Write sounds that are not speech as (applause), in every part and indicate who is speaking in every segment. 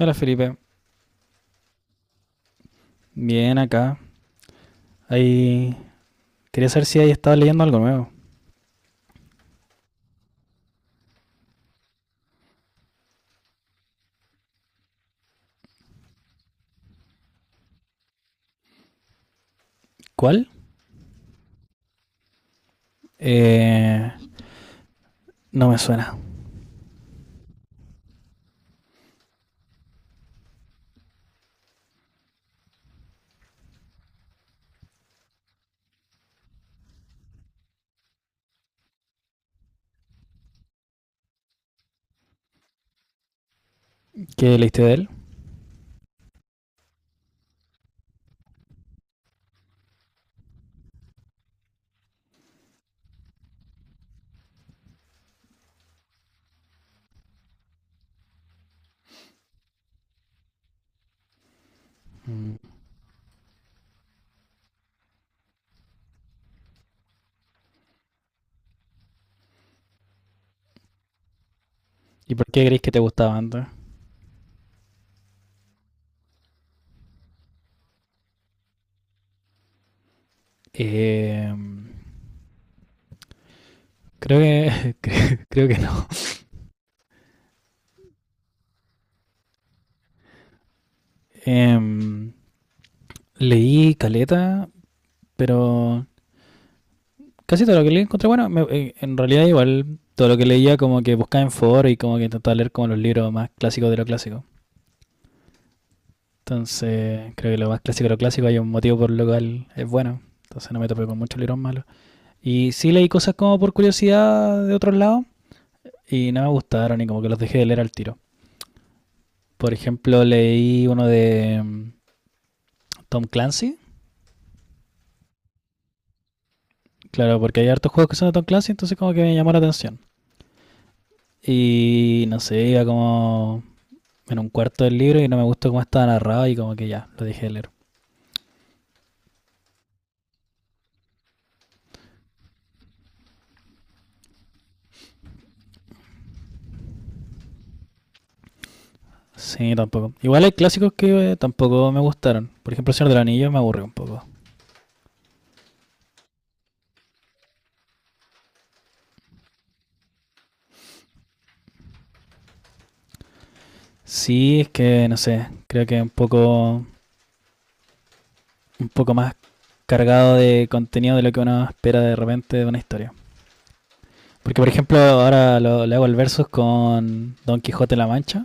Speaker 1: Hola Felipe, bien acá. Ahí quería saber si ahí estaba leyendo algo nuevo. ¿Cuál? Eh, no me suena. ¿Qué leíste de él? ¿Y por qué crees que te gustaba antes? Eh, Creo que (laughs) creo que no. Em, Leí Caleta, pero casi todo lo que leí encontré bueno. En realidad igual todo lo que leía como que buscaba en foro y como que intentaba leer como los libros más clásicos de lo clásico. Entonces, creo que lo más clásico de lo clásico, hay un motivo por lo cual es bueno. Entonces no me topé con mucho librón malo. Y sí leí cosas como por curiosidad de otros lados y no me gustaron y como que los dejé de leer al tiro. Por ejemplo, leí uno de Tom Clancy. Claro, porque hay hartos juegos que son de Tom Clancy, entonces como que me llamó la atención. Y no sé, iba como en un cuarto del libro y no me gustó cómo estaba narrado y como que ya, lo dejé de leer. Sí, tampoco. Igual hay clásicos que tampoco me gustaron. Por ejemplo, El Señor del Anillo me aburrió un poco. Sí, es que no sé, creo que un poco más cargado de contenido de lo que uno espera de repente de una historia. Porque por ejemplo ahora lo, le hago el versus con Don Quijote de La Mancha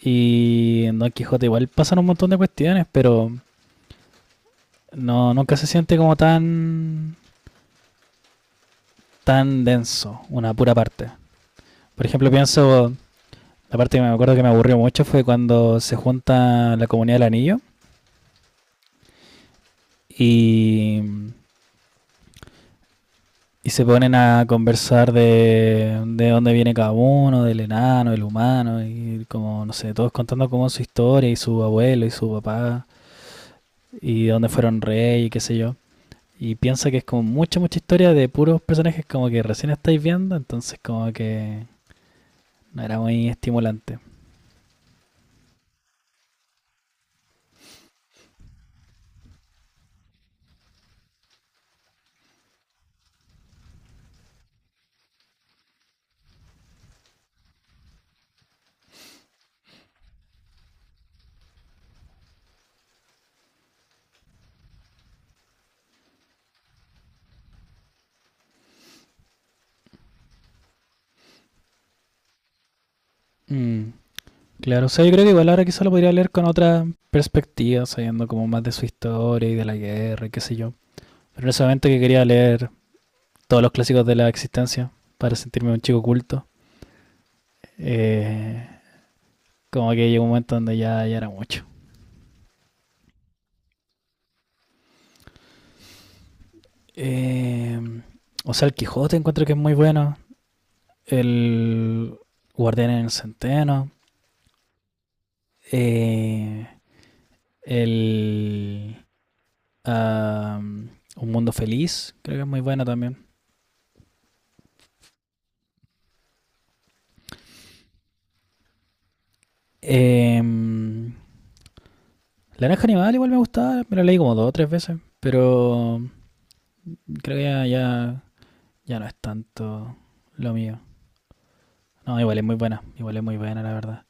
Speaker 1: y en Don Quijote igual pasan un montón de cuestiones, pero no nunca se siente como tan denso una pura parte. Por ejemplo pienso la parte que me acuerdo que me aburrió mucho fue cuando se junta la comunidad del anillo y Y se ponen a conversar de, dónde viene cada uno, del enano, del humano, y como, no sé, todos contando como su historia y su abuelo y su papá, y dónde fueron rey y qué sé yo. Y piensa que es como mucha, mucha historia de puros personajes como que recién estáis viendo, entonces como que no era muy estimulante. Mm, claro, o sea, yo creo que igual ahora quizá lo podría leer con otra perspectiva, sabiendo como más de su historia y de la guerra y qué sé yo. Pero en ese momento que quería leer todos los clásicos de la existencia para sentirme un chico culto. Eh, Como que llegó un momento donde ya, ya era mucho. Eh, o sea, el Quijote encuentro que es muy bueno. El Guardián en el Centeno. eh, el Un Mundo Feliz, creo que es muy bueno también. Eh, la granja Animal igual me gustaba, me lo leí como dos o tres veces, pero creo que ya no es tanto lo mío. No, igual es muy buena, igual es muy buena, la verdad.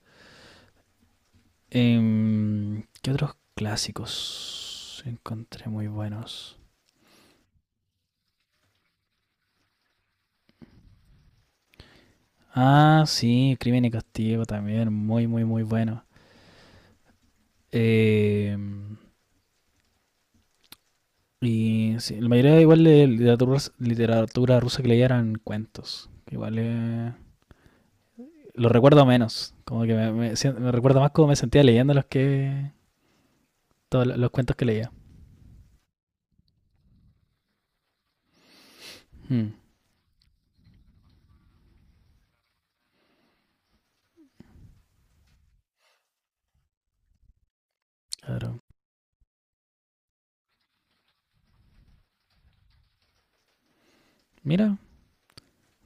Speaker 1: ¿Qué otros clásicos encontré muy buenos? Ah, sí, Crimen y Castigo también, muy, muy, muy bueno. Em, y sí, la mayoría igual de literatura rusa que leía eran cuentos. Que igual lo recuerdo menos, como que me recuerdo más cómo me sentía leyendo los que todos los cuentos que leía. Mm, claro. Mira,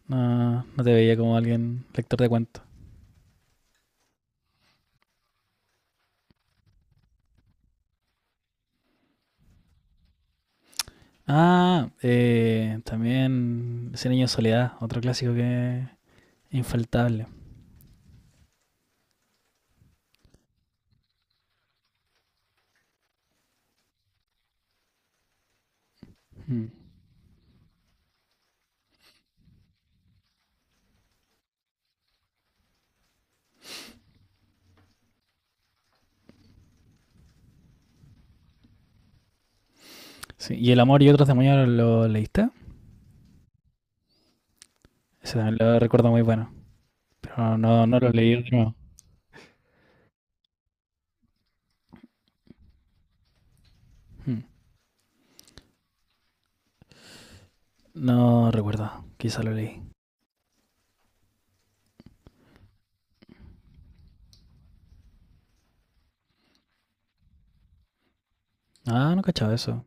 Speaker 1: no, no te veía como alguien lector de cuentos. Ah, también Ese niño de soledad, otro clásico que es infaltable. Mm. Sí, ¿y El amor y otros demonios lo leíste? Ese también lo recuerdo muy bueno, pero no lo leí de nuevo. Mm. No recuerdo, quizá lo leí. Ah, no cachaba eso.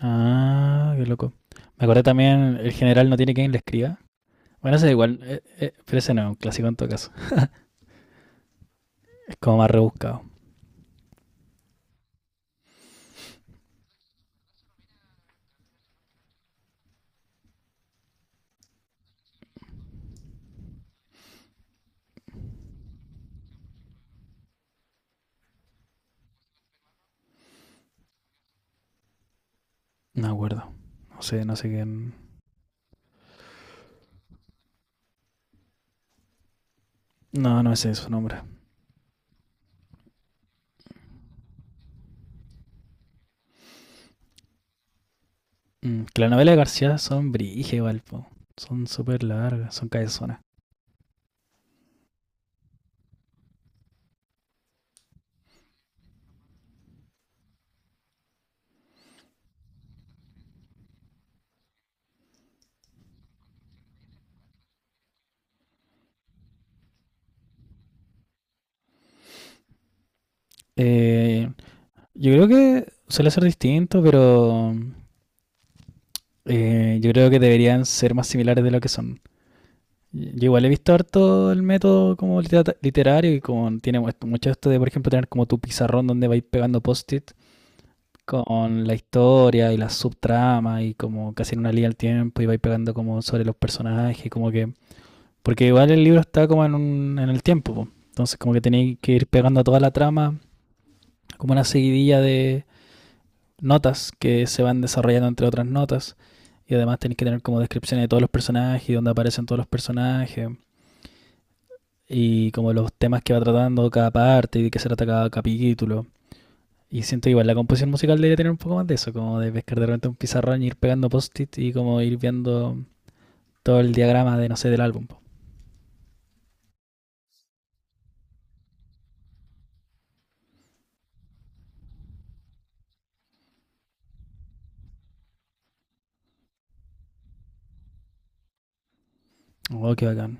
Speaker 1: Ah, qué loco. Me acordé también El general no tiene quien le escriba. Bueno, ese es igual, pero ese no es un clásico en todo caso. Es como más rebuscado. No me acuerdo. No sé, no sé quién. No, no sé su nombre. Que las novelas de García son brige igual, po. Son súper largas, son cabezonas. Eh, yo creo que suele ser distinto, pero yo creo que deberían ser más similares de lo que son. Yo igual he visto harto el método como literario y como tiene mucho esto de, por ejemplo, tener como tu pizarrón donde vais pegando post-it con la historia y las subtramas y como casi en una línea al tiempo y vais pegando como sobre los personajes, como que porque igual el libro está como en el tiempo, po, entonces como que tenéis que ir pegando a toda la trama, como una seguidilla de notas que se van desarrollando entre otras notas. Y además tenéis que tener como descripciones de todos los personajes, y dónde aparecen todos los personajes, y como los temas que va tratando cada parte y de qué se trata cada capítulo. Y siento que igual la composición musical debería tener un poco más de eso, como de pescar de repente un pizarrón y ir pegando post-it y como ir viendo todo el diagrama de, no sé, del álbum. Oh, qué bacán.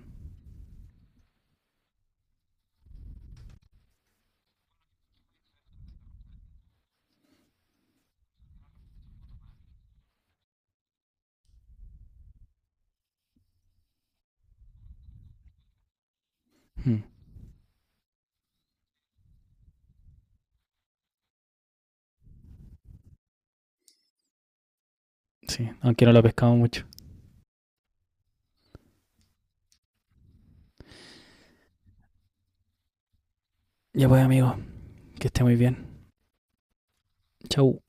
Speaker 1: Hmm, sí, aunque no lo pescamos mucho. Ya pues, amigo, que esté muy bien. Chau.